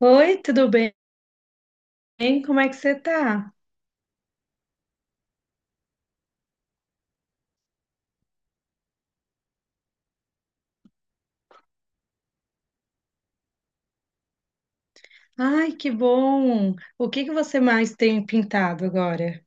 Oi, tudo bem? Como é que você tá? Ai, que bom! O que que você mais tem pintado agora?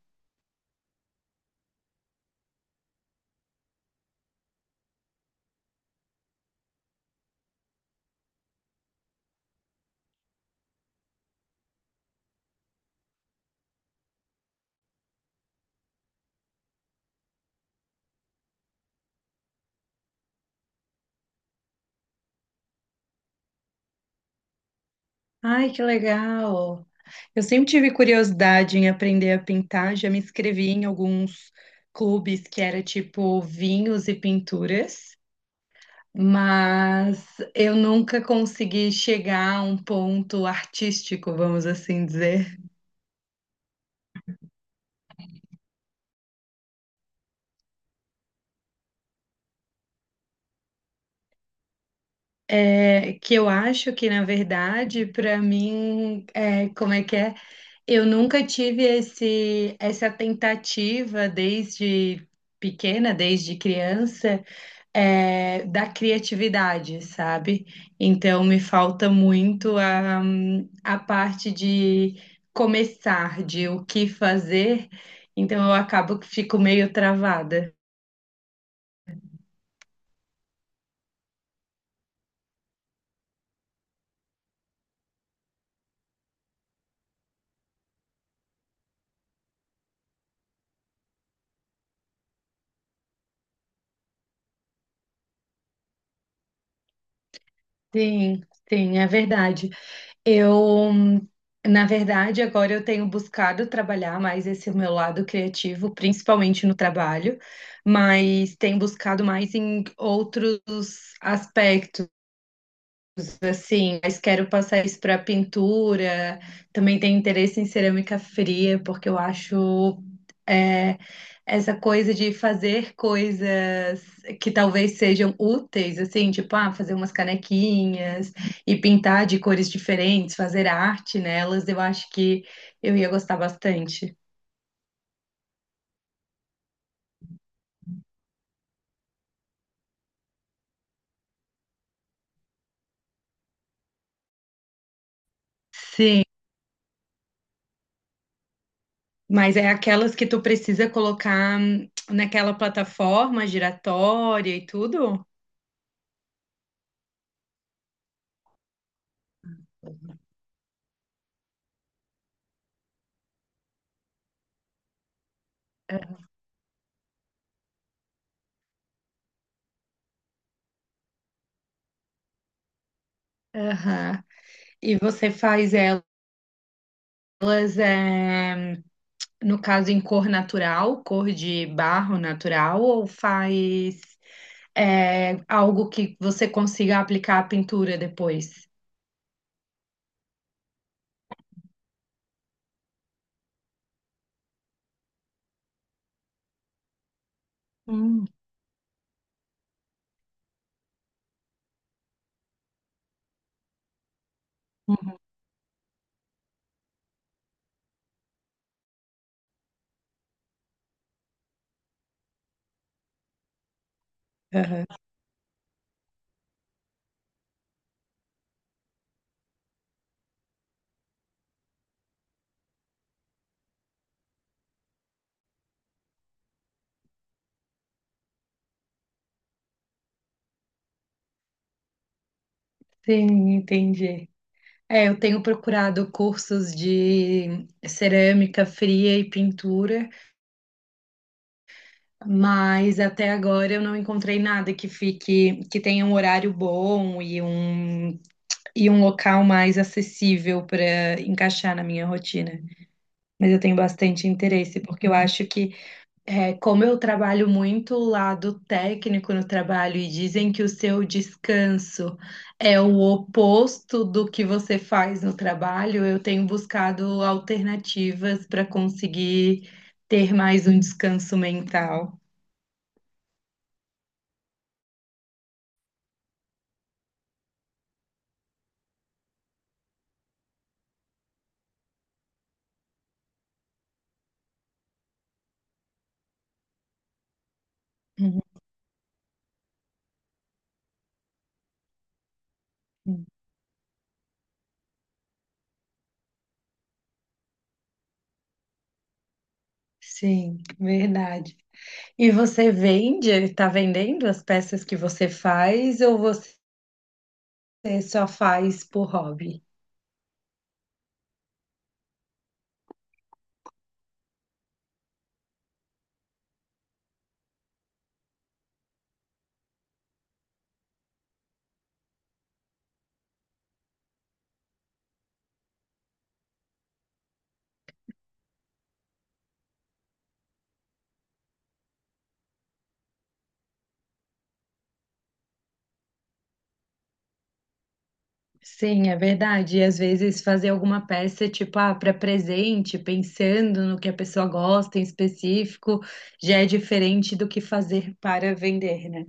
Ai, que legal! Eu sempre tive curiosidade em aprender a pintar, já me inscrevi em alguns clubes que era tipo vinhos e pinturas, mas eu nunca consegui chegar a um ponto artístico, vamos assim dizer. Que eu acho que, na verdade, para mim, como é que é? Eu nunca tive essa tentativa desde pequena, desde criança, da criatividade, sabe? Então, me falta muito a parte de começar, de o que fazer. Então, eu acabo que fico meio travada. Sim, sim, é verdade. Eu, na verdade, agora eu tenho buscado trabalhar mais esse meu lado criativo, principalmente no trabalho, mas tenho buscado mais em outros aspectos assim, mas quero passar isso para pintura. Também tenho interesse em cerâmica fria, porque eu acho é, essa coisa de fazer coisas que talvez sejam úteis, assim, tipo, ah, fazer umas canequinhas e pintar de cores diferentes, fazer arte nelas, eu acho que eu ia gostar bastante. Sim, mas é aquelas que tu precisa colocar naquela plataforma giratória e tudo? Aham. E você faz elas, é, no caso, em cor natural, cor de barro natural, ou faz algo que você consiga aplicar a pintura depois? Hum. Aham. Sim, entendi. É, eu tenho procurado cursos de cerâmica fria e pintura, mas até agora eu não encontrei nada que fique, que tenha um horário bom e um local mais acessível para encaixar na minha rotina. Mas eu tenho bastante interesse, porque eu acho que, como eu trabalho muito o lado técnico no trabalho, e dizem que o seu descanso é o oposto do que você faz no trabalho, eu tenho buscado alternativas para conseguir ter mais um descanso mental. Uhum. Sim, verdade. E você vende, está vendendo as peças que você faz, ou você só faz por hobby? Sim, é verdade. E às vezes fazer alguma peça, tipo, ah, para presente, pensando no que a pessoa gosta em específico, já é diferente do que fazer para vender, né?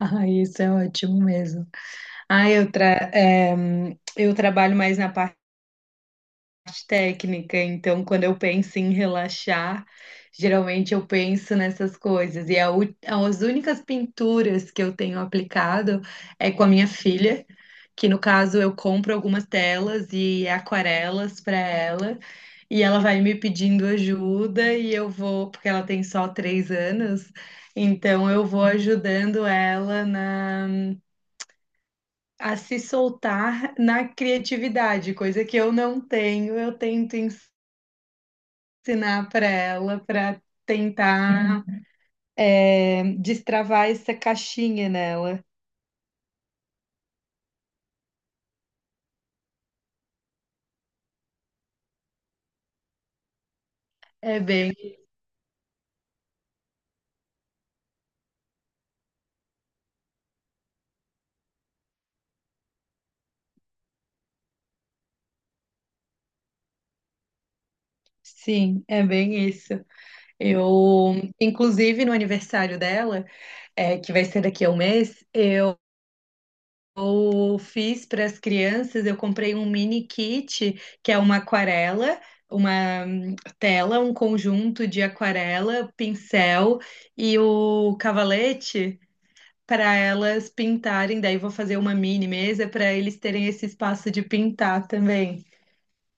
Ah, isso é ótimo mesmo. Ah, eu trabalho mais na parte técnica, então quando eu penso em relaxar, geralmente eu penso nessas coisas. E as únicas pinturas que eu tenho aplicado é com a minha filha, que no caso eu compro algumas telas e aquarelas para ela. E ela vai me pedindo ajuda e eu vou, porque ela tem só 3 anos, então eu vou ajudando ela a se soltar na criatividade, coisa que eu não tenho, eu tento ensinar para ela, para tentar destravar essa caixinha nela. É bem, sim, é bem isso. Eu, inclusive, no aniversário dela, que vai ser daqui a um mês, eu fiz para as crianças, eu comprei um mini kit, que é uma aquarela, uma tela, um conjunto de aquarela, pincel e o cavalete. Para elas pintarem. Daí vou fazer uma mini mesa para eles terem esse espaço de pintar também.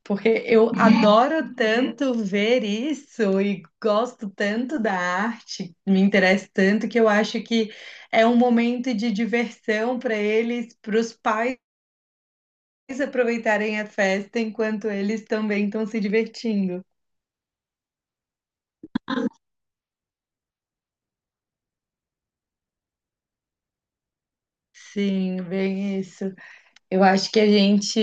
Porque eu adoro tanto ver isso e gosto tanto da arte, me interessa tanto que eu acho que é um momento de diversão para eles, para os pais aproveitarem a festa enquanto eles também estão se divertindo. Sim, bem isso. Eu acho que a gente,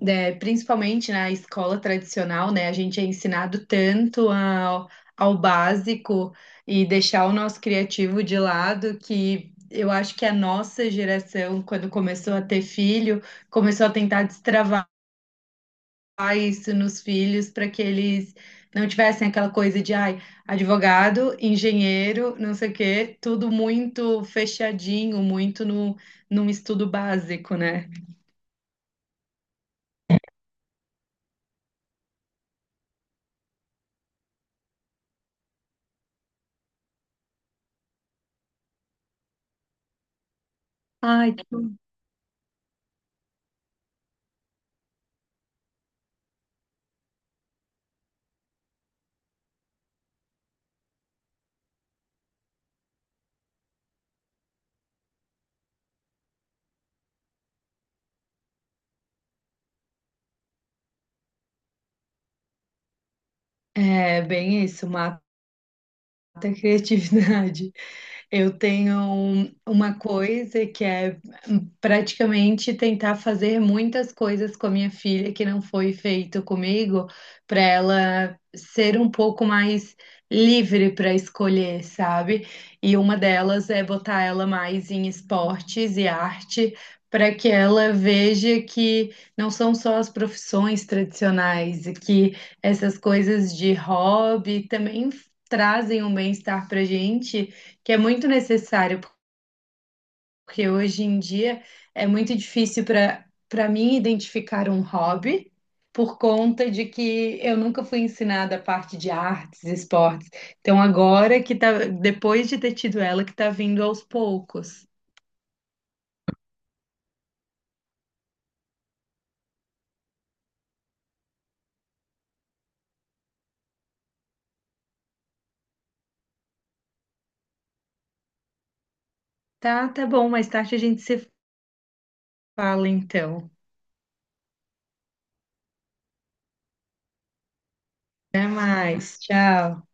né, principalmente na escola tradicional, né, a gente é ensinado tanto ao básico e deixar o nosso criativo de lado que eu acho que a nossa geração, quando começou a ter filho, começou a tentar destravar isso nos filhos para que eles não tivessem aquela coisa de, ai, advogado, engenheiro, não sei o quê, tudo muito fechadinho, muito no, num estudo básico, né? Ai, é bem isso, uma da criatividade. Eu tenho uma coisa que é praticamente tentar fazer muitas coisas com a minha filha que não foi feito comigo, para ela ser um pouco mais livre para escolher, sabe? E uma delas é botar ela mais em esportes e arte. Para que ela veja que não são só as profissões tradicionais, e que essas coisas de hobby também trazem um bem-estar para a gente que é muito necessário, porque hoje em dia é muito difícil para mim identificar um hobby por conta de que eu nunca fui ensinada a parte de artes, esportes. Então agora que tá, depois de ter tido ela, que tá vindo aos poucos. Tá, tá bom, mais tarde a gente se fala então. Até mais, tchau.